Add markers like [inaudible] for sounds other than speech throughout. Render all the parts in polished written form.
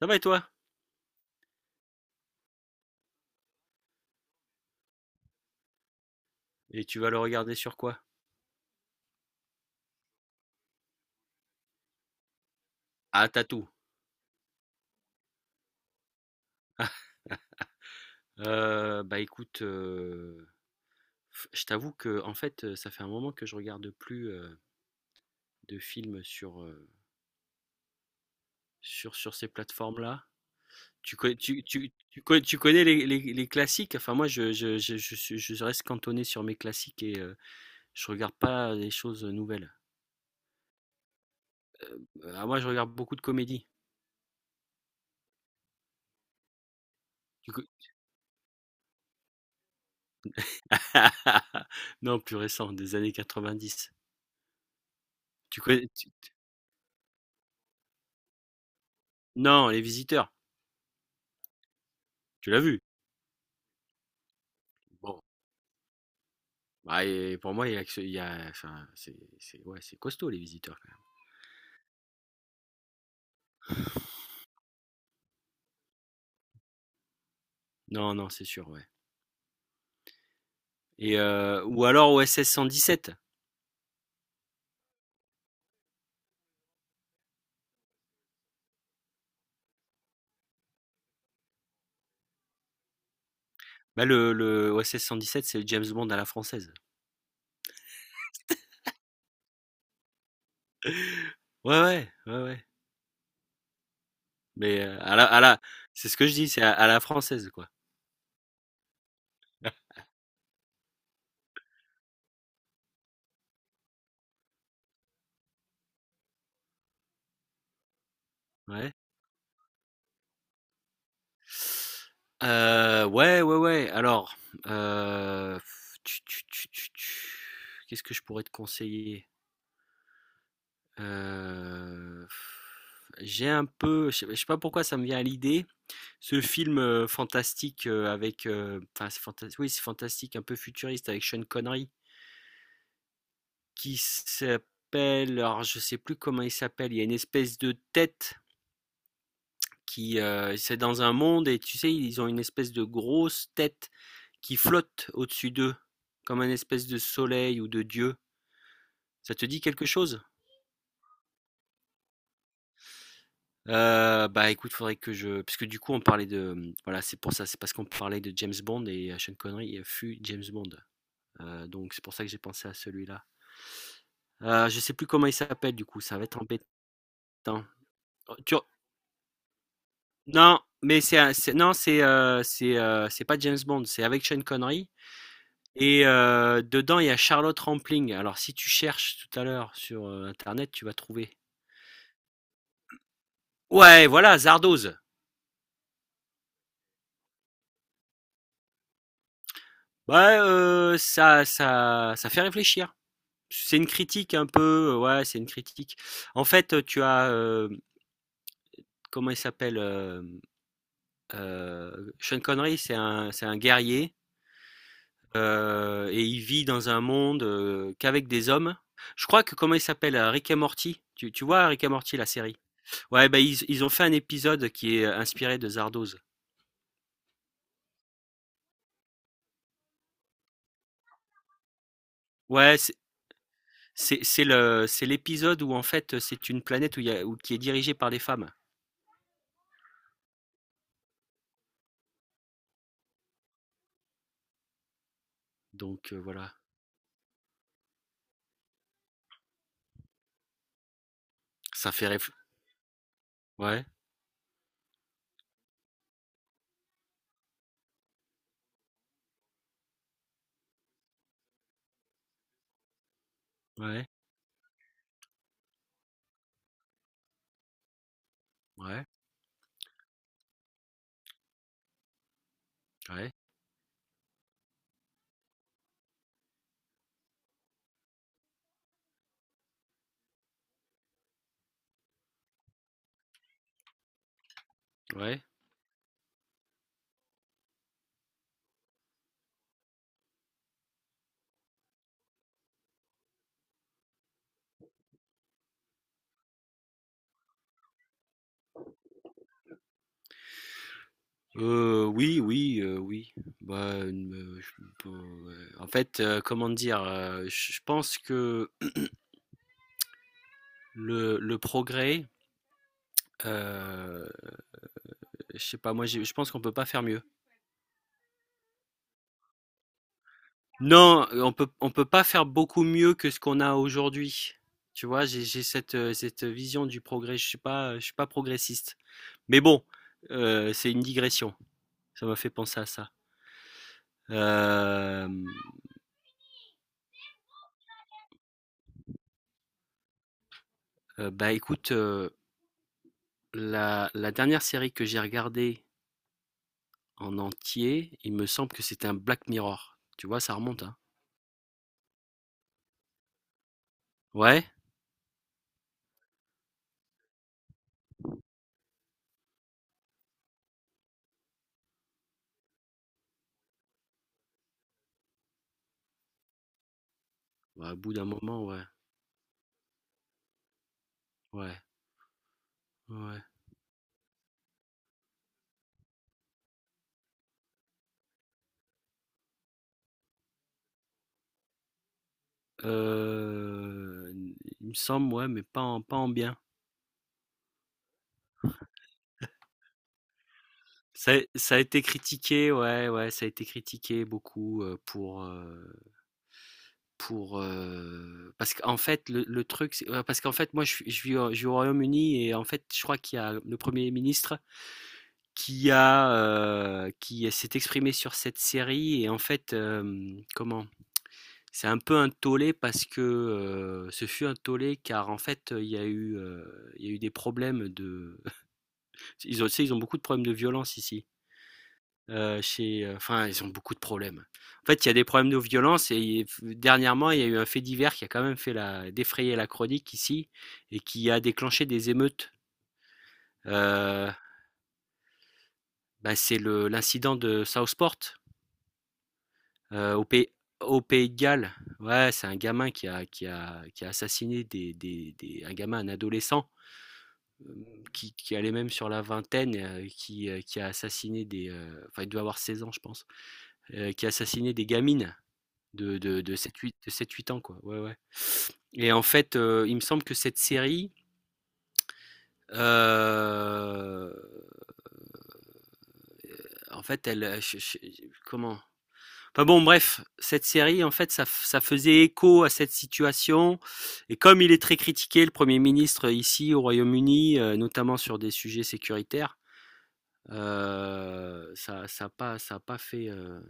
Ça va et toi? Et tu vas le regarder sur quoi? Ah, Tatou. Bah écoute, je t'avoue que en fait, ça fait un moment que je regarde plus de films sur, sur ces plateformes-là. Tu connais, tu, tu connais les, les classiques? Enfin, moi, je reste cantonné sur mes classiques et je regarde pas des choses nouvelles. Ah, moi, je regarde beaucoup de comédies. Tu co- [laughs] Non, plus récent, des années 90. Tu connais, tu- Non, Les Visiteurs, tu l'as vu. Bon, bah et pour moi, enfin, ouais, c'est costaud les visiteurs quand même. Non, non, c'est sûr, ouais. Et ou alors OSS 117. Bah le OSS 117, c'est le James Bond à la française. Ouais, ouais, ouais, ouais. Mais c'est ce que je dis, c'est à la française, quoi. Ouais. Ouais, ouais, ouais. Alors, euh, tu- tu- tu- tu- tu- qu'est-ce que je pourrais te conseiller? Euh, j'ai un peu, je sais pas pourquoi ça me vient à l'idée. Ce film, fantastique, avec, enfin oui c'est fantastique, un peu futuriste avec Sean Connery qui s'appelle, alors je sais plus comment il s'appelle. Il y a une espèce de tête qui, c'est dans un monde et tu sais ils ont une espèce de grosse tête qui flotte au-dessus d'eux comme un espèce de soleil ou de dieu. Ça te dit quelque chose? Bah écoute, faudrait que je, parce que du coup on parlait de, voilà c'est pour ça, c'est parce qu'on parlait de James Bond et Sean Connery fut James Bond. Donc c'est pour ça que j'ai pensé à celui-là. Je sais plus comment il s'appelle du coup, ça va être embêtant. Oh tu Non, mais c'est un c'est non, c'est pas James Bond, c'est avec Sean Connery et, dedans, il y a Charlotte Rampling. Alors si tu cherches tout à l'heure sur, internet, tu vas trouver. Ouais, voilà, Zardoz. Bah, ça fait réfléchir. C'est une critique un peu, ouais, c'est une critique. En fait, tu as, comment il s'appelle? Sean Connery, c'est un guerrier. Et il vit dans un monde, qu'avec des hommes. Je crois que comment il s'appelle? Rick et Morty. Tu vois Rick et Morty, la série? Ouais, bah, ils ont fait un épisode qui est, inspiré de Zardoz. Ouais, c'est l'épisode où en fait, c'est une planète où il y a où qui est dirigée par des femmes. Donc, voilà. ça fait réf Ouais, ouais, ouais, ouais, ouais. Oui, oui, oui. Bah, je peux en fait, comment dire? Je pense que le progrès. Heu, je sais pas, moi j'ai je pense qu'on peut pas faire mieux. Non, on peut pas faire beaucoup mieux que ce qu'on a aujourd'hui. Tu vois? J'ai cette vision du progrès. Je suis pas progressiste. Mais bon, c'est une digression. Ça m'a fait penser à ça. Hem, Bah, écoute, la dernière série que j'ai regardée en entier, il me semble que c'était un Black Mirror. Tu vois? Ça remonte, hein. Ouais? Bah, au bout d'un moment, ouais. Ouais. Ouais. Heu, il me semble, ouais, mais pas en bien. Ça a été critiqué, ouais, ouais, ça a été critiqué beaucoup, pour, parce qu'en fait le truc c'est, parce qu'en fait moi je vis au Royaume-Uni et en fait je crois qu'il y a le Premier ministre qui a, qui s'est exprimé sur cette série et en fait, comment? C'est un peu un tollé parce que, ce fut un tollé car en fait, il y a eu des problèmes de. Ils ont, tu sais, ils ont beaucoup de problèmes de violence ici. Enfin, ils ont beaucoup de problèmes. En fait, il y a des problèmes de violence et dernièrement, il y a eu un fait divers qui a quand même défrayer la chronique ici et qui a déclenché des émeutes. Euh, Bah, c'est l'incident de Southport, euh, au, pays, au Pays de Galles. Ouais, c'est un gamin qui a assassiné un gamin, un adolescent, euh, qui allait même sur la vingtaine, qui a assassiné enfin, il doit avoir 16 ans, je pense, qui assassinait des gamines de 7-8 ans, quoi. Ouais, ouais. Et en fait, il me semble que cette série, euh, en fait, elle, comment? Enfin bon, bref, cette série, en fait, ça faisait écho à cette situation. Et comme il est très critiqué, le Premier ministre, ici au Royaume-Uni, notamment sur des sujets sécuritaires, ça a pas fait.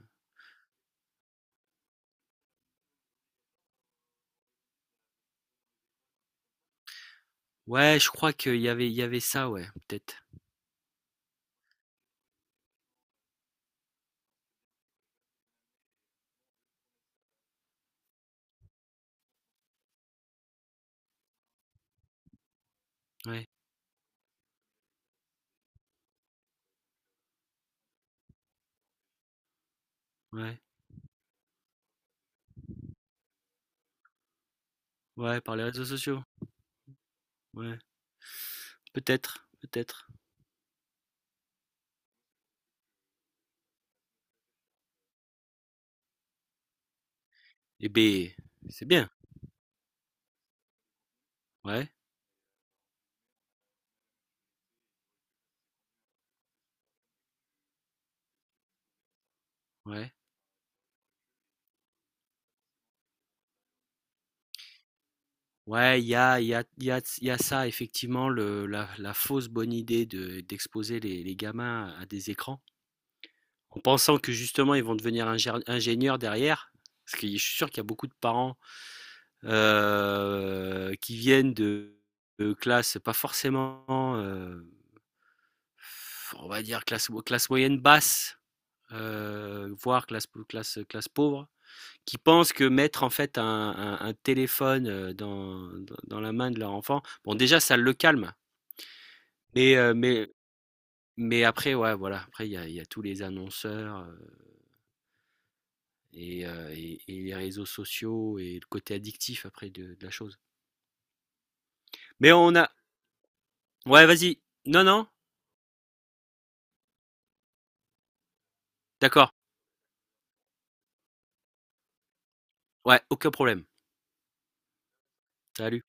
Ouais, je crois il y avait ça, ouais, peut-être. Ouais, ouais. Ouais, par les réseaux sociaux. Ouais. Peut-être, peut-être. Eh ben c'est bien. Ouais, ouais. Ouais, il y a, il y a, il y a, il y a ça, effectivement, la fausse bonne idée d'exposer les gamins à des écrans, en pensant que justement ils vont devenir ingénieurs derrière. Parce que je suis sûr qu'il y a beaucoup de parents, qui viennent de classes pas forcément, euh, on va dire, classe moyenne basse, voire classe pauvre qui pensent que mettre en fait un téléphone, dans la main de leur enfant, bon déjà ça le calme, mais, euh, mais, mais après ouais voilà, après il y a tous les annonceurs, et les réseaux sociaux et le côté addictif après de la chose. Mais on a. Ouais, vas-y, non non, d'accord, ouais, aucun problème. Salut.